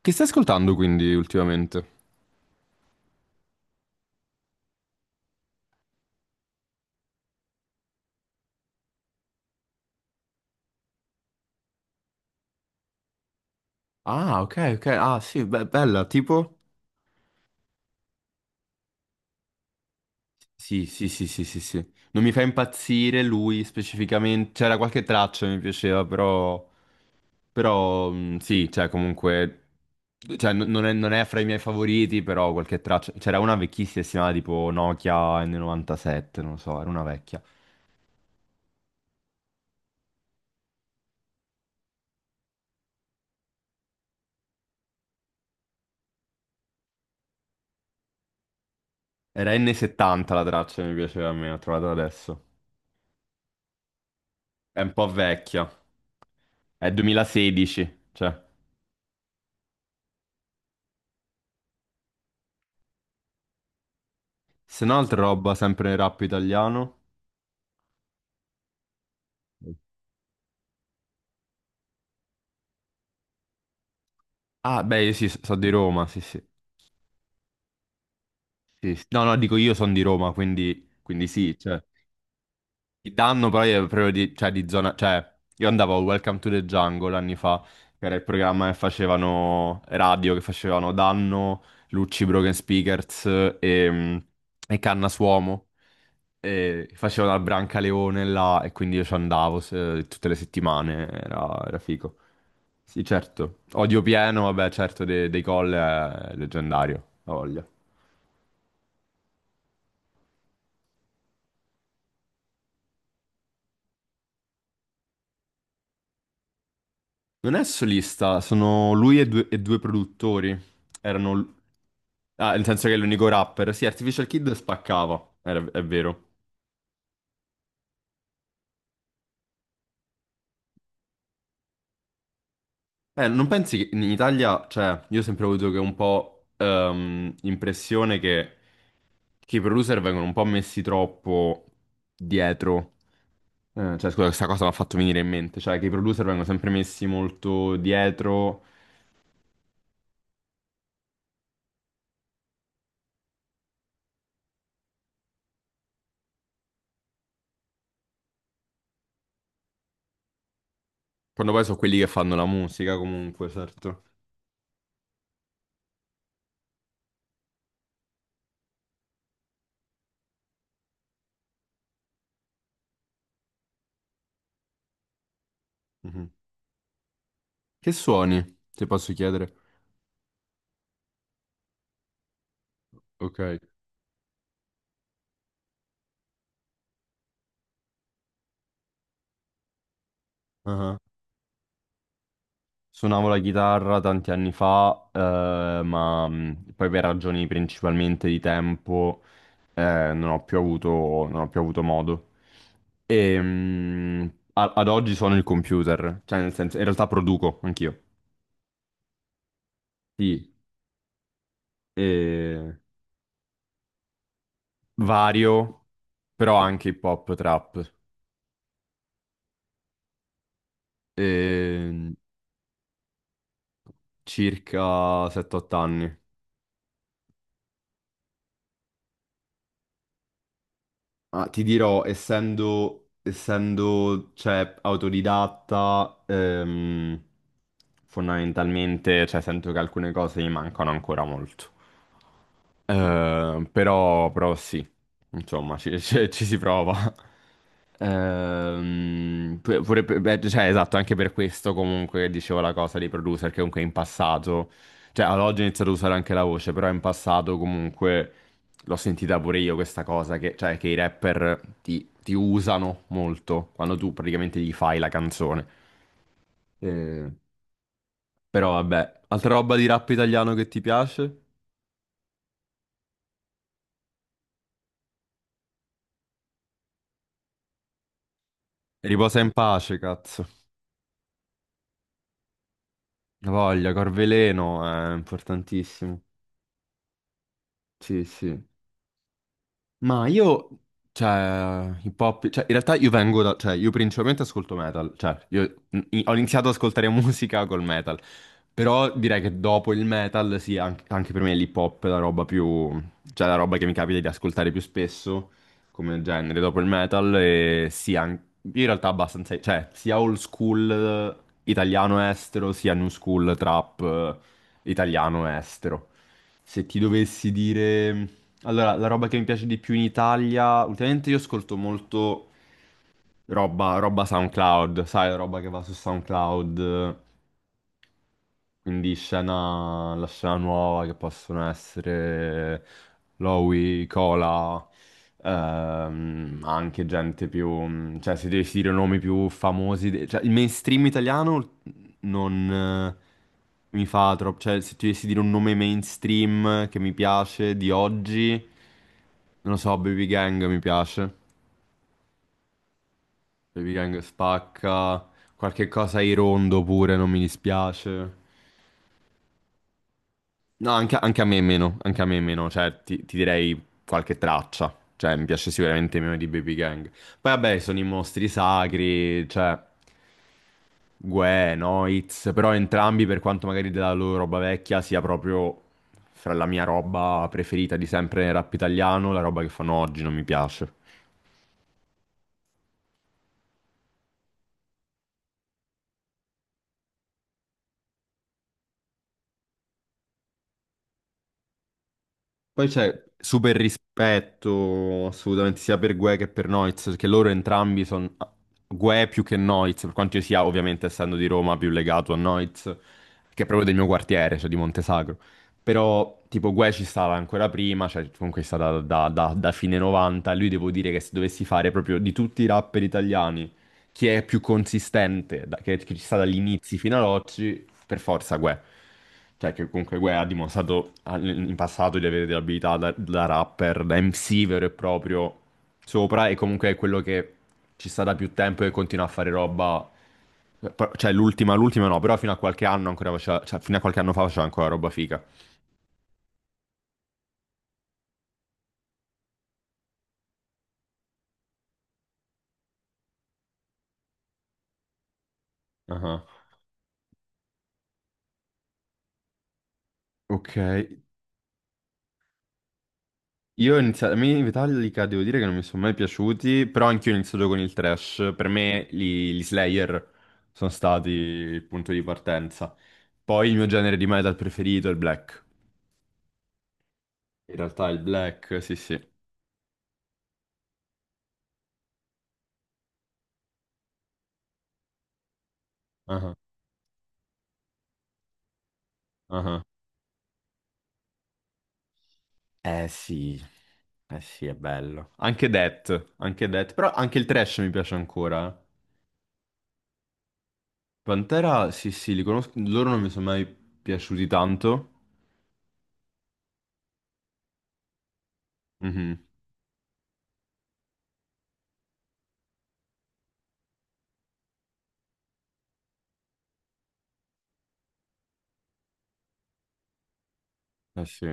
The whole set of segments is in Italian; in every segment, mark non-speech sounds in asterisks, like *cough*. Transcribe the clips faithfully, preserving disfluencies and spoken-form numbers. Che stai ascoltando quindi ultimamente? Ah, ok, ok. Ah, sì, be- bella, tipo? Sì, sì, sì, sì, sì, sì. Non mi fa impazzire lui specificamente. C'era qualche traccia che mi piaceva, però... Però, mh, sì, cioè, comunque... Cioè, n- non è, non è fra i miei favoriti, però qualche traccia... C'era una vecchissima, si chiamava tipo Nokia N novantasette, non lo so, era una vecchia. Era N settanta la traccia che mi piaceva a me, l'ho trovata adesso. È un po' vecchia. È duemilasedici, cioè... Se no, altra roba sempre nel rap italiano. Ah, beh, io sì, sono di Roma, sì, sì. Sì, sì. No, no, dico io sono di Roma, quindi, quindi sì, cioè. Il danno però è proprio di, cioè, di zona... Cioè, io andavo a Welcome to the Jungle anni fa, che era il programma che facevano radio, che facevano Danno, Lucci Broken Speakers e, e Canna Suomo. E facevano al Brancaleone là e quindi io ci andavo se- tutte le settimane, era, era figo. Sì, certo. Odio pieno, vabbè, certo, de- dei, Coll è leggendario, la voglia. Non è solista, sono lui e due, e due produttori. Erano... l- Ah, nel senso che è l'unico rapper. Sì, Artificial Kid spaccava, era- è vero. Eh, non pensi che in Italia, cioè, io ho sempre avuto che un po' ehm, impressione che che i producer vengono un po' messi troppo dietro. Eh, cioè, scusa, questa cosa mi ha fatto venire in mente. Cioè, che i producer vengono sempre messi molto dietro. Quando poi sono quelli che fanno la musica, comunque, certo. Mhm. Che suoni, se posso chiedere? Ok. Ah. Suonavo la chitarra tanti anni fa, eh, ma mh, poi per ragioni principalmente di tempo, eh, non ho più avuto, non ho più avuto modo. E mm, a- ad oggi sono il computer, cioè nel senso, in realtà produco anch'io. Sì, e vario, però anche hip hop, trap. E circa sette o otto anni. Ah, ti dirò, essendo, essendo cioè, autodidatta, ehm, fondamentalmente cioè, sento che alcune cose mi mancano ancora molto. Eh, però, però sì, insomma, ci *laughs* ci- ci si prova. Ehm, pu- pure per- beh, cioè, esatto, anche per questo comunque dicevo la cosa dei producer che comunque in passato, cioè ad oggi ho iniziato a usare anche la voce, però in passato comunque l'ho sentita pure io questa cosa, che, cioè che i rapper ti, ti usano molto quando tu praticamente gli fai la canzone. Eh, però vabbè, altra roba di rap italiano che ti piace? Riposa in pace, cazzo. La voglia, Corveleno, è importantissimo. Sì, sì. Ma io, cioè, hip hop, cioè, in realtà io vengo da, cioè, io principalmente ascolto metal, cioè, io mm, i- ho iniziato ad ascoltare *laughs* musica col metal, però direi che dopo il metal, sì, an- anche, per me l'hip hop è la roba più, cioè, la roba che mi capita di ascoltare più spesso, come genere, dopo il metal, e sì, an- io in realtà abbastanza, cioè, sia old school eh, italiano-estero, sia new school trap eh, italiano-estero. Se ti dovessi dire... Allora, la roba che mi piace di più in Italia, ultimamente io ascolto molto roba, roba SoundCloud, sai, roba che va su SoundCloud. Quindi scena, la scena nuova che possono essere Lowy, Cola, ehm, ma anche gente più... mm, Cioè, se dovessi dire nomi più famosi... de- Cioè, il mainstream italiano non eh, mi fa troppo... Cioè, se ti dovessi dire un nome mainstream che mi piace di oggi, non lo so, Baby Gang mi piace. Baby Gang spacca. Qualche cosa ai rondo pure, non mi dispiace. No, anche, anche a me è meno, anche a me è meno, cioè ti, ti direi qualche traccia, cioè mi piace sicuramente meno di Baby Gang. Poi vabbè, sono i mostri sacri, cioè Gue, Noitz, però entrambi per quanto magari della loro roba vecchia sia proprio fra la mia roba preferita di sempre nel rap italiano, la roba che fanno oggi non mi piace. Poi c'è super rispetto assolutamente sia per Gue che per Noiz, perché loro entrambi sono Gue più che Noiz, per quanto io sia ovviamente essendo di Roma più legato a Noiz, che è proprio del mio quartiere, cioè di Montesagro. Però tipo Gue ci stava ancora prima, cioè comunque è stata da, da- da fine novanta, lui devo dire che se dovessi fare proprio di tutti i rapper italiani chi è più consistente, da- che, che ci sta dagli inizi fino ad oggi, per forza Guè. Cioè, che comunque Guè ha dimostrato al- in passato di avere delle abilità da, da rapper, da M C vero e proprio sopra, e comunque è quello che ci sta da più tempo e continua a fare roba. Pro- Cioè, l'ultima, l'ultima no, però fino a qualche anno ancora faceva, cioè, fino a qualche anno fa faceva ancora roba figa. Ah, ok. Io ho iniziato, a me i Metallica devo dire che non mi sono mai piaciuti, però anch'io ho iniziato con il thrash. Per me gli, gli Slayer sono stati il punto di partenza. Poi il mio genere di metal preferito è il black. In realtà il black, sì sì. Ah, ah. Eh sì, eh sì, è bello. Anche Death, anche Death, però anche il thrash mi piace ancora, eh. Pantera, sì sì, li conosco, loro non mi sono mai piaciuti tanto. Mhm. Eh sì.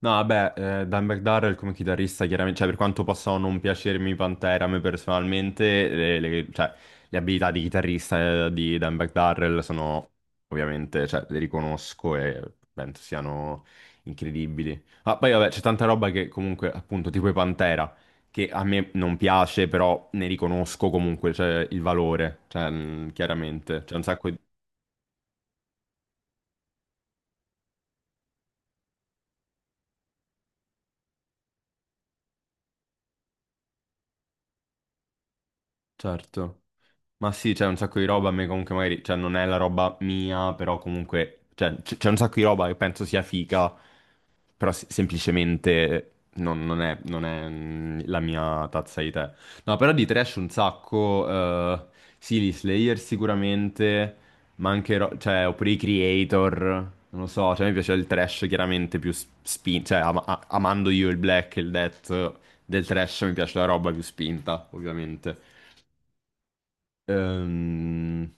No, vabbè, eh, Dan McDowell come chitarrista, chiaramente, cioè per quanto possano non piacermi i Pantera, a me personalmente, le, le- cioè, le abilità di chitarrista eh, di Dan McDowell sono ovviamente, cioè, le riconosco e penso siano incredibili. Ma poi, vabbè, c'è tanta roba che comunque, appunto, tipo i Pantera, che a me non piace, però ne riconosco comunque, cioè, il valore, cioè, mh, chiaramente, c'è un sacco di... Certo. Ma sì, c'è un sacco di roba, a me comunque magari, cioè non è la roba mia, però comunque, cioè, c- c'è un sacco di roba che penso sia figa, però se- semplicemente non, non è, non è, mm, la mia tazza di tè. No, però di trash un sacco, eh, sì, gli Slayer sicuramente, ma anche, ro- cioè, oppure i Creator, non lo so, cioè mi piace il trash chiaramente più s- spin, cioè am- a- amando io il black e il death del trash mi piace la roba più spinta, ovviamente. Ehm,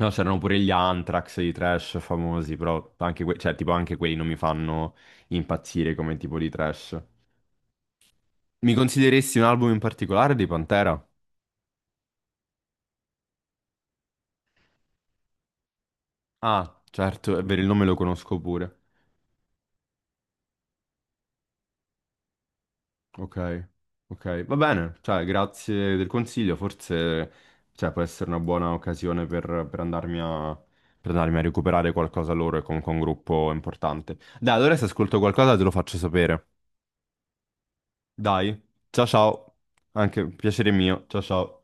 No, c'erano pure gli Anthrax, i Trash famosi, però anche, que- cioè, tipo, anche quelli non mi fanno impazzire come tipo di trash. Mi consideresti un album in particolare di Pantera? Ah, certo, è vero, il nome lo conosco pure. Ok, ok, va bene, cioè, grazie del consiglio, forse, cioè, può essere una buona occasione per, per andarmi a, per andarmi a recuperare qualcosa loro e comunque un gruppo importante. Dai, allora se ascolto qualcosa te lo faccio sapere. Dai, ciao ciao, anche piacere mio, ciao ciao.